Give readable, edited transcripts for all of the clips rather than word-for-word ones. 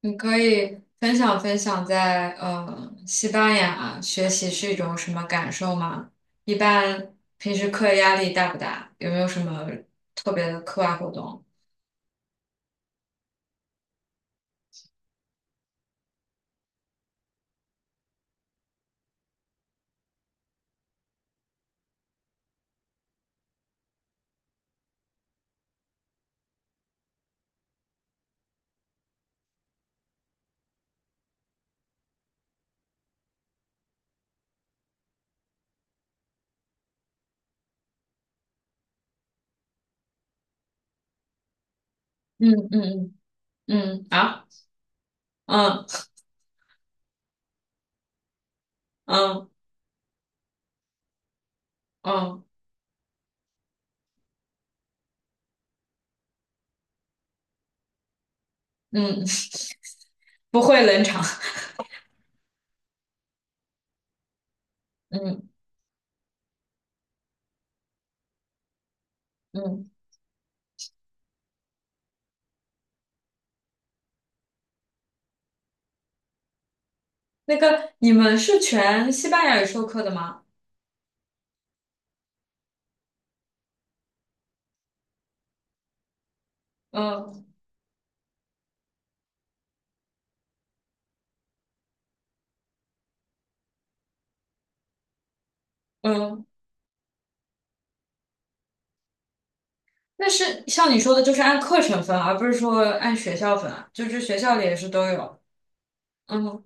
你可以分享分享在西班牙学习是一种什么感受吗？一般平时课业压力大不大？有没有什么特别的课外活动？嗯嗯嗯嗯啊嗯嗯嗯嗯，不会冷场。嗯嗯，那个你们是全西班牙语授课的吗？嗯嗯，那是像你说的，就是按课程分，而不是说按学校分啊就是学校里也是都有。嗯。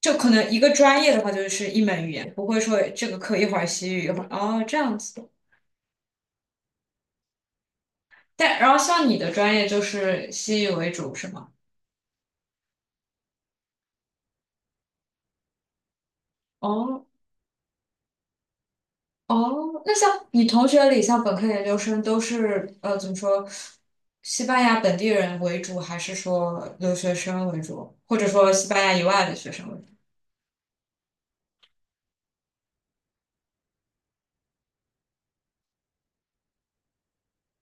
就可能一个专业的话，就是一门语言，不会说这个课一会儿西语，一会儿哦这样子。但然后像你的专业就是西语为主，是吗？哦哦，那像你同学里，像本科研究生都是怎么说，西班牙本地人为主，还是说留学生为主，或者说西班牙以外的学生为主？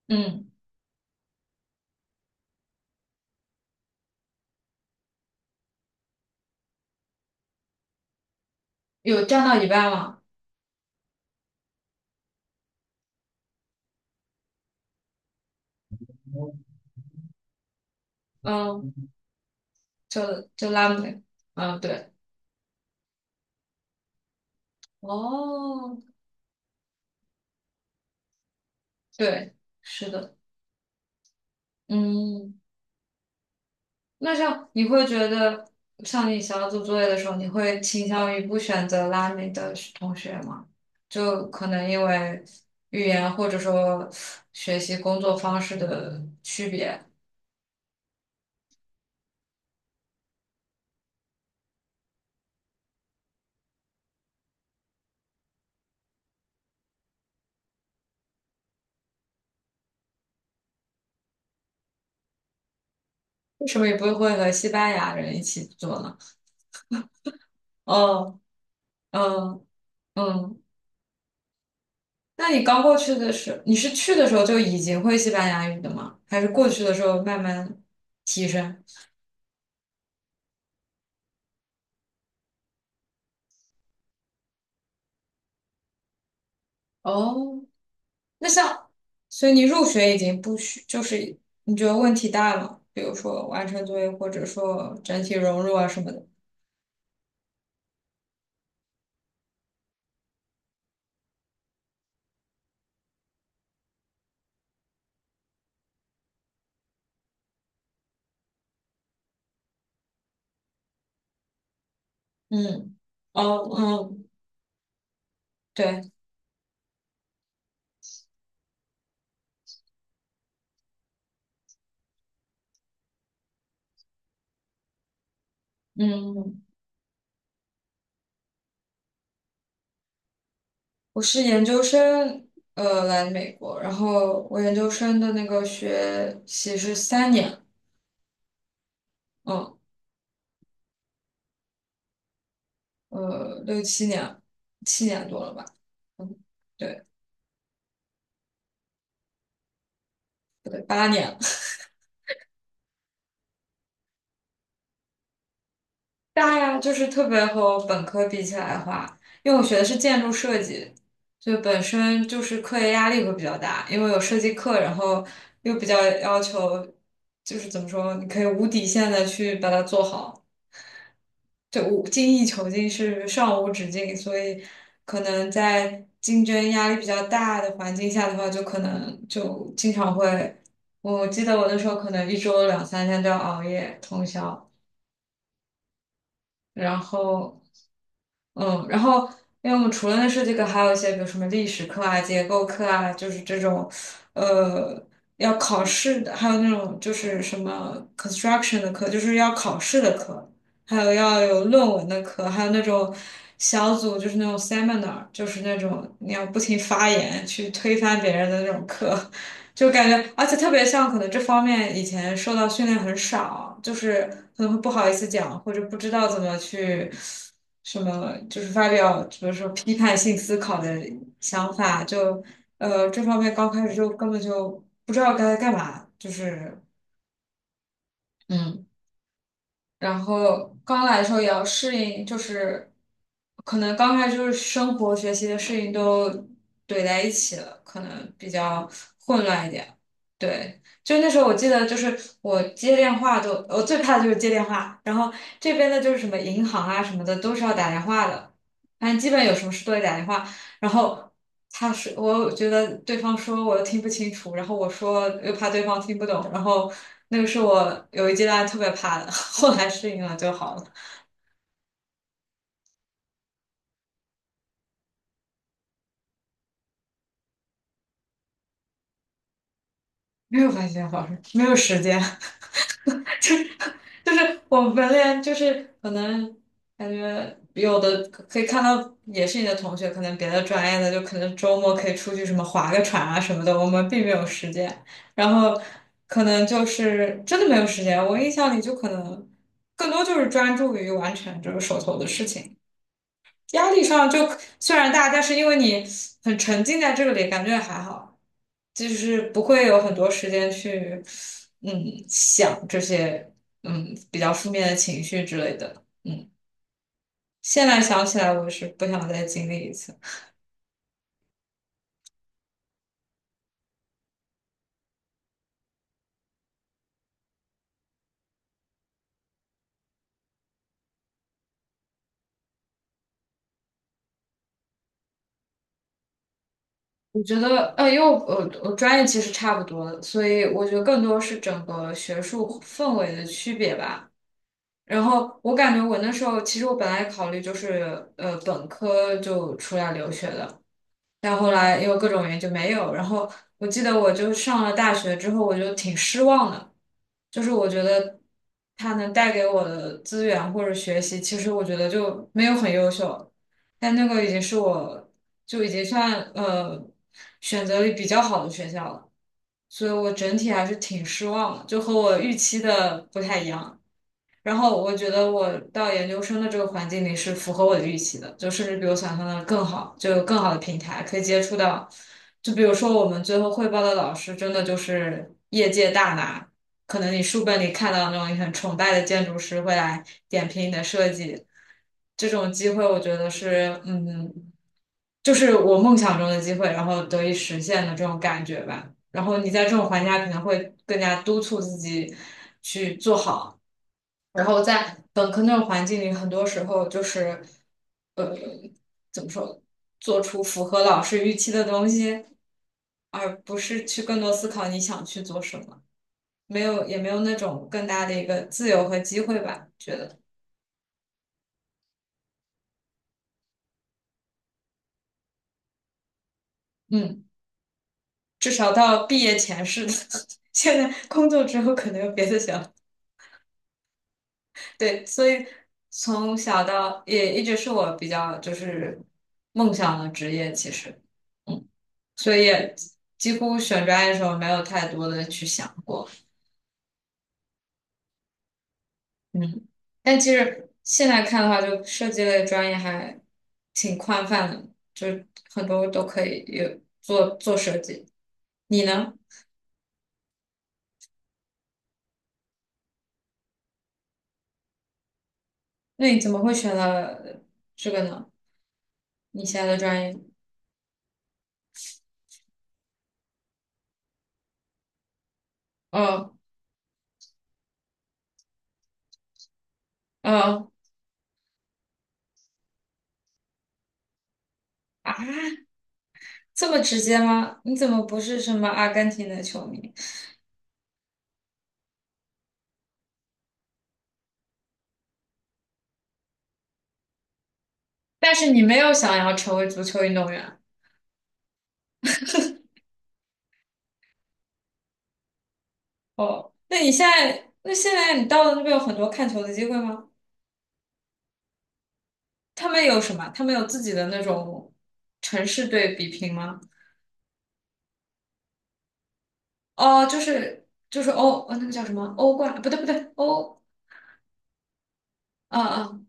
嗯，有占到一半吗？嗯，就就拉美，嗯，对，哦，对，是的，嗯。那像你会觉得，像你想要做作业的时候，你会倾向于不选择拉美的同学吗？就可能因为语言或者说学习工作方式的区别，为什么也不会和西班牙人一起做呢？哦，嗯嗯，那你刚过去的时候，你是去的时候就已经会西班牙语的吗？还是过去的时候慢慢提升？哦，那像，所以你入学已经不需，就是你觉得问题大了，比如说完成作业，或者说整体融入啊什么的。嗯，哦，嗯，对，嗯，我是研究生，来美国，然后我研究生的那个学习是3年，嗯，六七年，七年多了吧，嗯，对，不对，8年。大呀，就是特别和我本科比起来的话，因为我学的是建筑设计，就本身就是课业压力会比较大，因为有设计课，然后又比较要求，就是怎么说，你可以无底线的去把它做好，就无精益求精是上无止境，所以可能在竞争压力比较大的环境下的话，就可能就经常会，我记得我那时候可能一周两三天都要熬夜通宵。然后嗯，然后因为我们除了那设计课，还有一些比如什么历史课啊、结构课啊，就是这种呃要考试的，还有那种就是什么 construction 的课，就是要考试的课，还有要有论文的课，还有那种小组就是那种 seminar，就是那种你要不停发言去推翻别人的那种课。就感觉，而且特别像可能这方面以前受到训练很少，就是可能会不好意思讲，或者不知道怎么去什么，就是发表，比如说批判性思考的想法，就这方面刚开始就根本就不知道该干嘛，就是嗯。然后刚来的时候也要适应，就是可能刚开始就是生活、学习的事情都怼在一起了，可能比较混乱一点。对，就那时候我记得，就是我接电话都，我最怕的就是接电话。然后这边的就是什么银行啊什么的，都是要打电话的，反正基本有什么事都得打电话。然后他是我觉得对方说我又听不清楚，然后我说又怕对方听不懂，然后那个是我有一阶段特别怕的，后来适应了就好了，没有发现好事，没有时间。就是我们连就是可能感觉有的可可以看到，也是你的同学，可能别的专业的就可能周末可以出去什么划个船啊什么的，我们并没有时间，然后可能就是真的没有时间。我印象里就可能更多就是专注于完成这个手头的事情。压力上就虽然大，但是因为你很沉浸在这里，感觉还好，就是不会有很多时间去嗯想这些比较负面的情绪之类的。嗯，现在想起来，我是不想再经历一次。我觉得，因为我专业其实差不多的，所以我觉得更多是整个学术氛围的区别吧。然后我感觉我那时候，其实我本来考虑就是，本科就出来留学的，但后来因为各种原因就没有。然后我记得我就上了大学之后，我就挺失望的，就是我觉得他能带给我的资源或者学习，其实我觉得就没有很优秀，但那个已经是我就已经算选择里比较好的学校了，所以我整体还是挺失望的，就和我预期的不太一样。然后我觉得我到研究生的这个环境里是符合我的预期的，就甚至比我想象的更好，就有更好的平台可以接触到。就比如说我们最后汇报的老师，真的就是业界大拿，可能你书本里看到那种你很崇拜的建筑师会来点评你的设计，这种机会我觉得是，就是我梦想中的机会，然后得以实现的这种感觉吧。然后你在这种环境下，可能会更加督促自己去做好。然后在本科那种环境里，很多时候就是，呃，怎么说，做出符合老师预期的东西，而不是去更多思考你想去做什么，没有也没有那种更大的一个自由和机会吧，觉得，嗯，至少到毕业前是的，现在工作之后可能有别的想法对，所以从小到也一直是我比较就是梦想的职业，其实。嗯。所以也几乎选专业的时候没有太多的去想过，嗯，但其实现在看的话，就设计类专业还挺宽泛的，就很多都可以有做做设计。你呢？那你怎么会选了这个呢？你现在的专业？哦哦啊，这么直接吗？你怎么不是什么阿根廷的球迷？但是你没有想要成为足球运动员哦？那你现在，那现在你到了那边有很多看球的机会吗？他们有什么？他们有自己的那种城市对比拼吗？哦，就是欧，那个叫什么欧冠？不对不对，欧，啊啊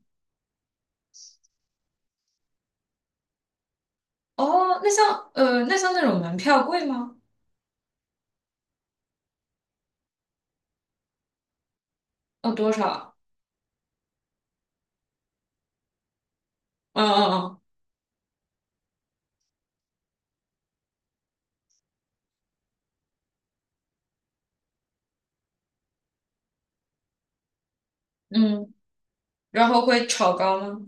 哦，那像那像那种门票贵吗？哦，多少？嗯嗯嗯嗯，然后会炒高吗？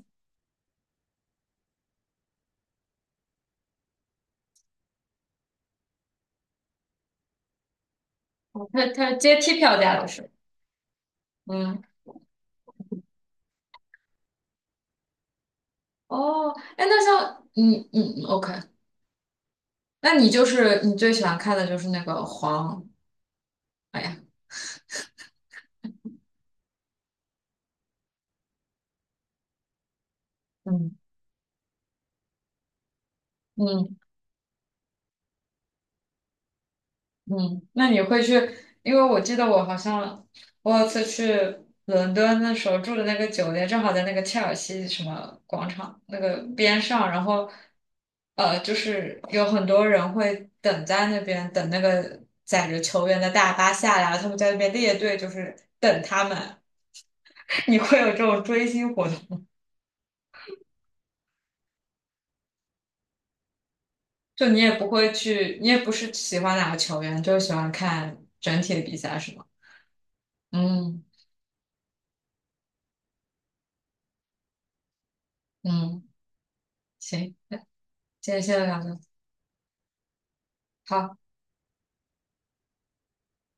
它阶梯票价的是，嗯，哦，哎，那像嗯嗯 OK，那你就是你最喜欢看的就是那个黄，哎呀，嗯嗯嗯，那你会去？因为我记得我好像我有次去伦敦的时候住的那个酒店，正好在那个切尔西什么广场那个边上，然后就是有很多人会等在那边等那个载着球员的大巴下来，他们在那边列队，就是等他们。你会有这种追星活动吗？就你也不会去，你也不是喜欢哪个球员，就是喜欢看整体的比赛，是吗？嗯嗯，行，今天先聊到这。好。